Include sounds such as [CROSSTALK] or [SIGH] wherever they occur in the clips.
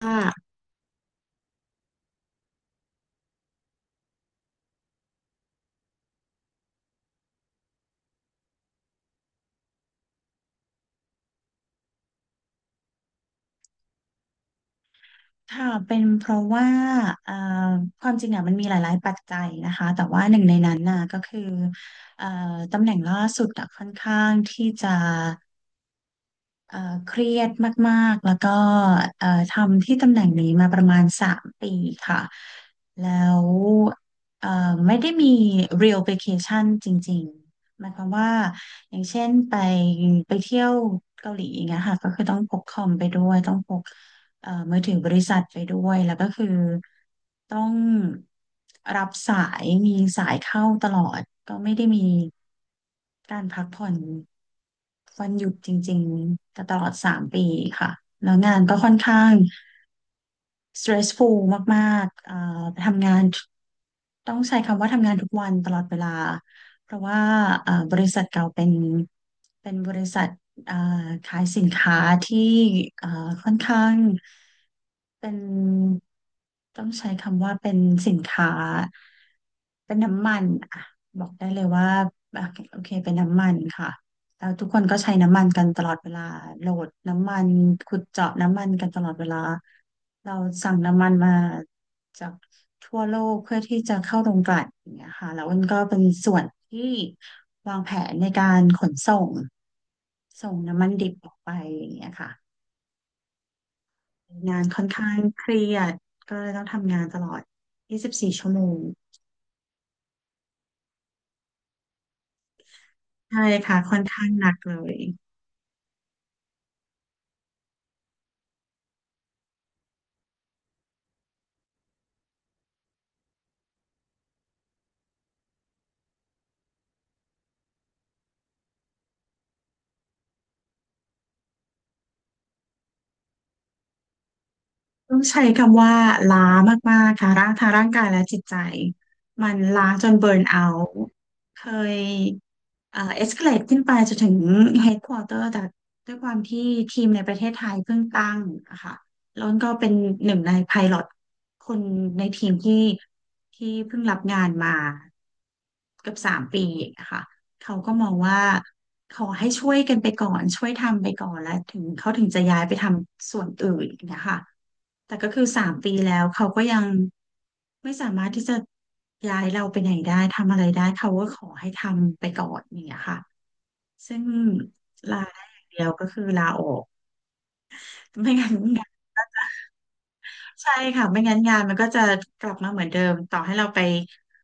ค่ะค่ะเป็นเพราะว่าเอ่อความจริงอ่ะมันมีหลายๆ ปัจจัยนะคะ แต่ว่าหนึ่งในนั้นน่ะก็คือเอ่อตำแหน่งล่าสุดอ่ะค่อนข้างที่จะเอ่อเครียดมากๆ แล้วก็ทำที่ตำแหน่งนี้มาประมาณสามปีค่ะ แล้วเอ่อไม่ได้มี real vacation จริงๆหมายความว่า อย่างเช่นไปเที่ยวเกาหลีอย่างเงี้ยค่ะก็คือต้องพกคอมไปด้วยต้องพก มือถือบริษัทไปด้วยแล้วก็คือต้องรับสายมีสายเข้าตลอดก็ไม่ได้มีการพักผ่อนวันหยุดจริงๆแตตลอดสามปีค่ะแล้วงานก็ค่อนข้าง stressful มากๆทำงานต้องใช้คำว่าทำงานทุกวันตลอดเวลาเพราะว่าบริษัทเก่าเป็นบริษัทอ่าขายสินค้าที่อ่าค่อนข้างเป็นต้องใช้คำว่าเป็นสินค้าเป็นน้ำมันอ่ะบอกได้เลยว่าอ่ะโอเคเป็นน้ำมันค่ะ แล้วทุกคนก็ใช้น้ำมันกันตลอดเวลาโหลดน้ำมันขุดเจาะน้ำมันกันตลอดเวลาเราสั่งน้ำมันมาจากทั่วโลกเพื่อที่จะเข้าโรงกลั่นอย่างเงี้ยค่ะแล้วมันก็เป็นส่วนที่วางแผนในการขนส่งส่งน้ำมันดิบออกไปอย่างเงี้ยค่ะงานค่อนข้างเครียดก็เลยต้องทำงานตลอด24 ชั่วโมง ชั่วโมงใช่ค่ะค่อนข้างหนักเลย ต้องใช้คำว่าล้ามากๆค่ะร่างทางร่างกายและจิตใจมันล้าจนเบิร์นเอาท์เคยเอ็กซ์เคลดขึ้นไปจนถึงเฮดควอเตอร์แต่ด้วยความที่ทีมในประเทศไทยเพิ่งตั้งอะค่ะแล้วก็เป็นหนึ่งในไพลอตคนในทีมที่เพิ่งรับงานมาเกือบ 3 ปีอะค่ะ เขาก็มองว่าขอให้ช่วยกันไปก่อนช่วยทำไปก่อนแล้วถึงเขาถึงจะย้ายไปทำส่วนอื่นนะคะแต่ก็คือสามปีแล้วเขาก็ยังไม่สามารถที่จะย้ายเราไปไหนได้ทำอะไรได้เขาก็ขอให้ทำไปก่อนอย่างเงี้ยค่ะซึ่งลาได้อย่างเดียวก็คือลาออกไม่งั้นใช่ค่ะไม่งั้นงานมันก็จะกลับมาเหมือนเดิมต่อให้เราไป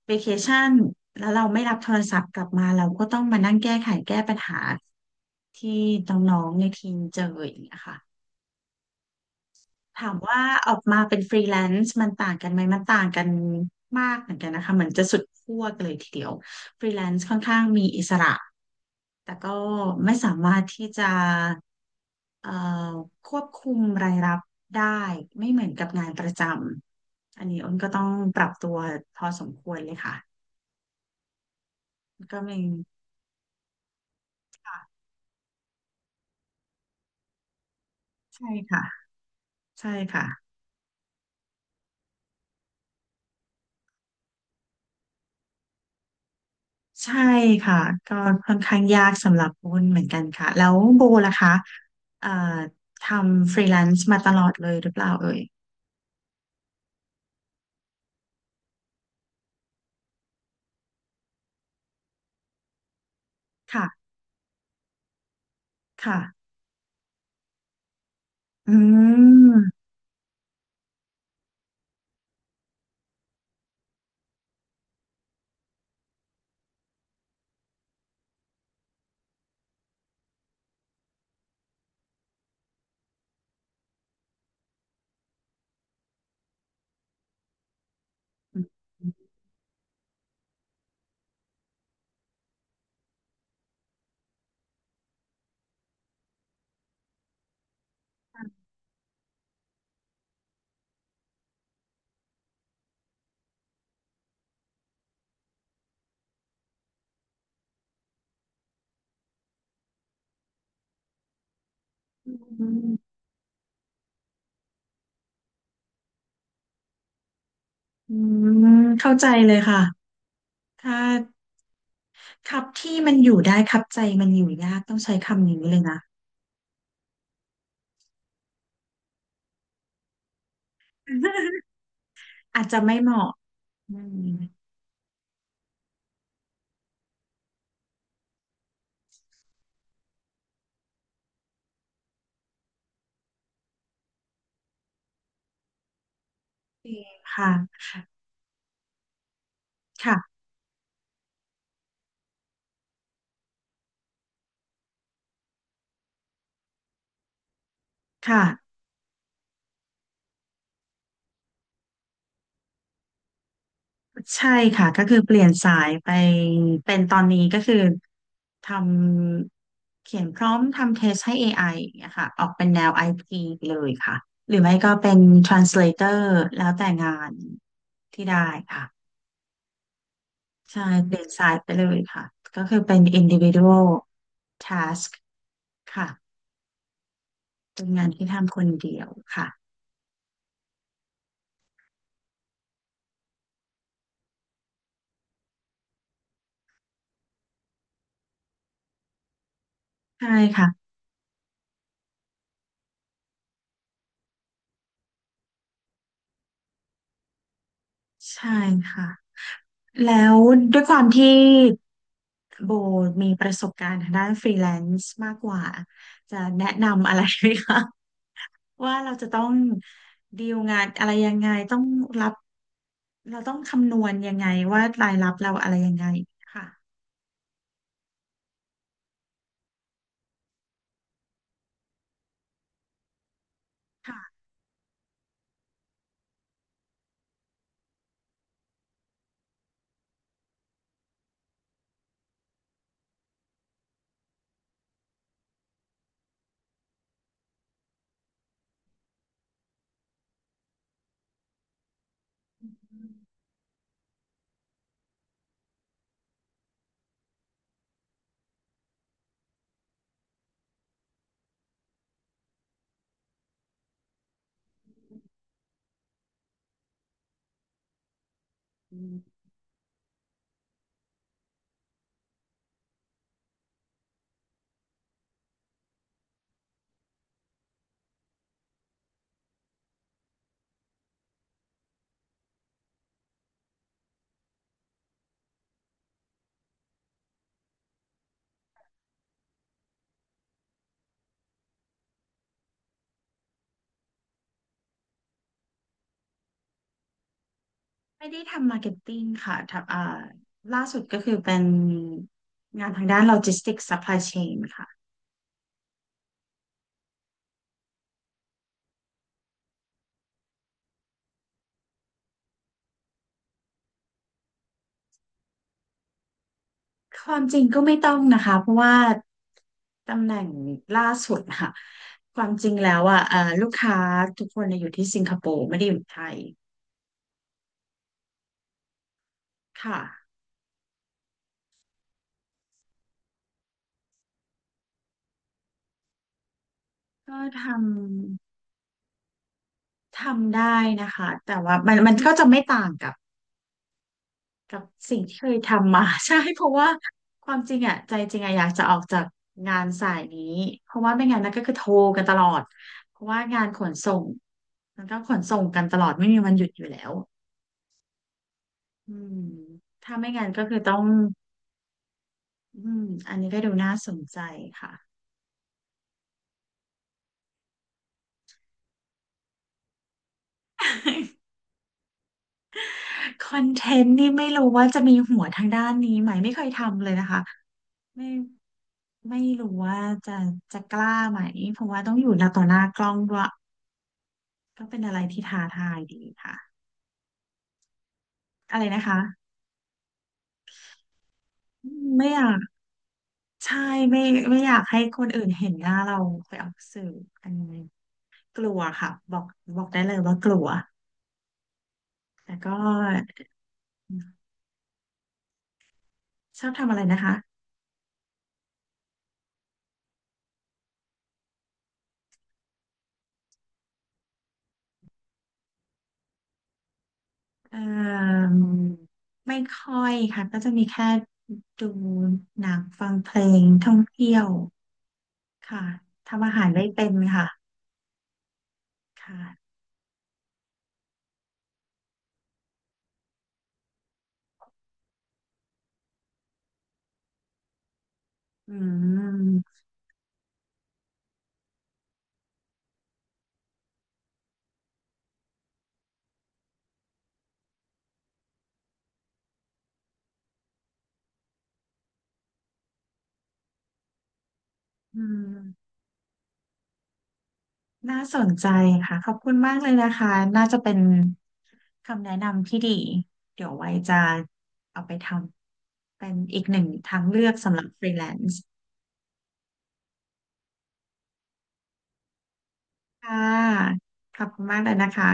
เวเคชั่นแล้วเราไม่รับโทรศัพท์กลับมาเราก็ต้องมานั่งแก้ไขแก้ปัญหา ที่น้องๆในทีมเจออย่างเงี้ยค่ะถามว่าออกมาเป็นฟรีแลนซ์มันต่างกันไหมมันต่างกันมากเหมือนกันนะคะเหมือนจะสุดขั้วกันเลยทีเดียวฟรีแลนซ์ค่อนข้างมีอิสระแต่ก็ไม่สามารถที่จะเอ่อควบคุมรายรับได้ไม่เหมือนกับงานประจำอันนี้อ้นก็ต้องปรับตัวพอสมควรเลยค่ะก็เป็นค่ะใช่ค่ะใช่ค่ะ ใช่ค่ะก็ค่อนข้างยากสำหรับวุ้นเหมือนกันค่ะแล้วโบล่ะคะเอ่อทำฟรีแลนซ์มาตลอดเลยหรือเปล่าเอ่ยค่ะค่ะอืมอืมอืมเข้าใจเลยค่ะถ้าครับที่มันอยู่ได้ครับใจมันอยู่ยากต้องใช้คำนี้เลยนะ [LAUGHS] อาจจะไม่เหมาะอืมจริงค่ะค่ะค่ะ ใช่ค่ะก็คือเปลี่ยนสายไปเป็นตอนนี้ก็คือทำเขียนพร้อมทำเทสให้ AI อไออย่างเงี้ยค่ะออกเป็นแนว i p เลยค่ะหรือไม่ก็เป็น translator แล้วแต่งานที่ได้ค่ะใช่เปลี่ยนสายไปเลยค่ะก็คือเป็น individual task ค่ะเป็นงานที่ทำคนเดียวค่ะใช่ค่ะใช่ค่ะแล้วด้วยความที่ โบมีประสบการณ์ทางด้านฟรีแลนซ์มากกว่าจะแนะนำอะไรไหมคะ [LAUGHS] ว่าเราจะต้องดีลงานอะไรยังไงต้องรับเราต้องคำนวณยังไงว่ารายรับเราอะไรยังไงค่ะค่ะอืมไม่ได้ทำมาร์เก็ตติ้งค่ะทำล่าสุดก็คือเป็นงานทางด้านโลจิสติกส์ซัพพลายเชนค่ะความจริงก็ไม่ต้องนะคะเพราะว่า ตำแหน่งล่าสุดค่ะ [LAUGHS] ความจริงแล้วอ่ะลูกค้าทุกคนเนี่ยอยู่ที่สิงคโปร์ไม่ได้อยู่ไทยค่ะก็ทำได้นะคะแต่ว่ามันมันก็จะไม่ต่างกับสิ่งที่เคยทำมา [LAUGHS] ใช่เพราะว่าความจริงอ่ะใจจริงอ่ะอยากจะออกจากงานสายนี้เพราะว่าไม่งั้นนะก็คือโทรกันตลอดเพราะว่างานขนส่งมันก็ขนส่งกันตลอดไม่มีวันหยุดอยู่แล้วอืมถ้าไม่งั้นก็คือต้องอืมอันนี้ก็ดูน่าสนใจค่ะ [LAUGHS] คอนเทนต์นี่ไม่รู้ว่าจะมีหัวทางด้านนี้ไหมไม่เคยทำเลยนะคะไม่ไม่รู้ว่าจะจะกล้าไหมเพราะว่าต้องอยู่หน้าต่อหน้ากล้องด้วยก็เป็นอะไรที่ท้าทายดีค่ะอะไรนะคะไม่อยากใช่ไม่ไม่อยากให้คนอื่นเห็นหน้าเราไปออกสื่ออันนี้กลัวค่ะบอกได้เลยว่ากลัวแต่ก็ชอบทำอะไรนะคะ เอ่มไม่ค่อยค่ะก็จะมีแค่ดูหนังฟังเพลงท่องเที่ยวค่ะทำอาหารได้เป็นค่ะค่ะอืมอืมน่าสนใจค่ะขอบคุณมากเลยนะคะน่าจะเป็นคำแนะนำที่ดีเดี๋ยวไว้จะเอาไปทำเป็นอีกหนึ่งทางเลือกสำหรับฟรีแลนซ์ค่ะขอบคุณมากเลยนะคะ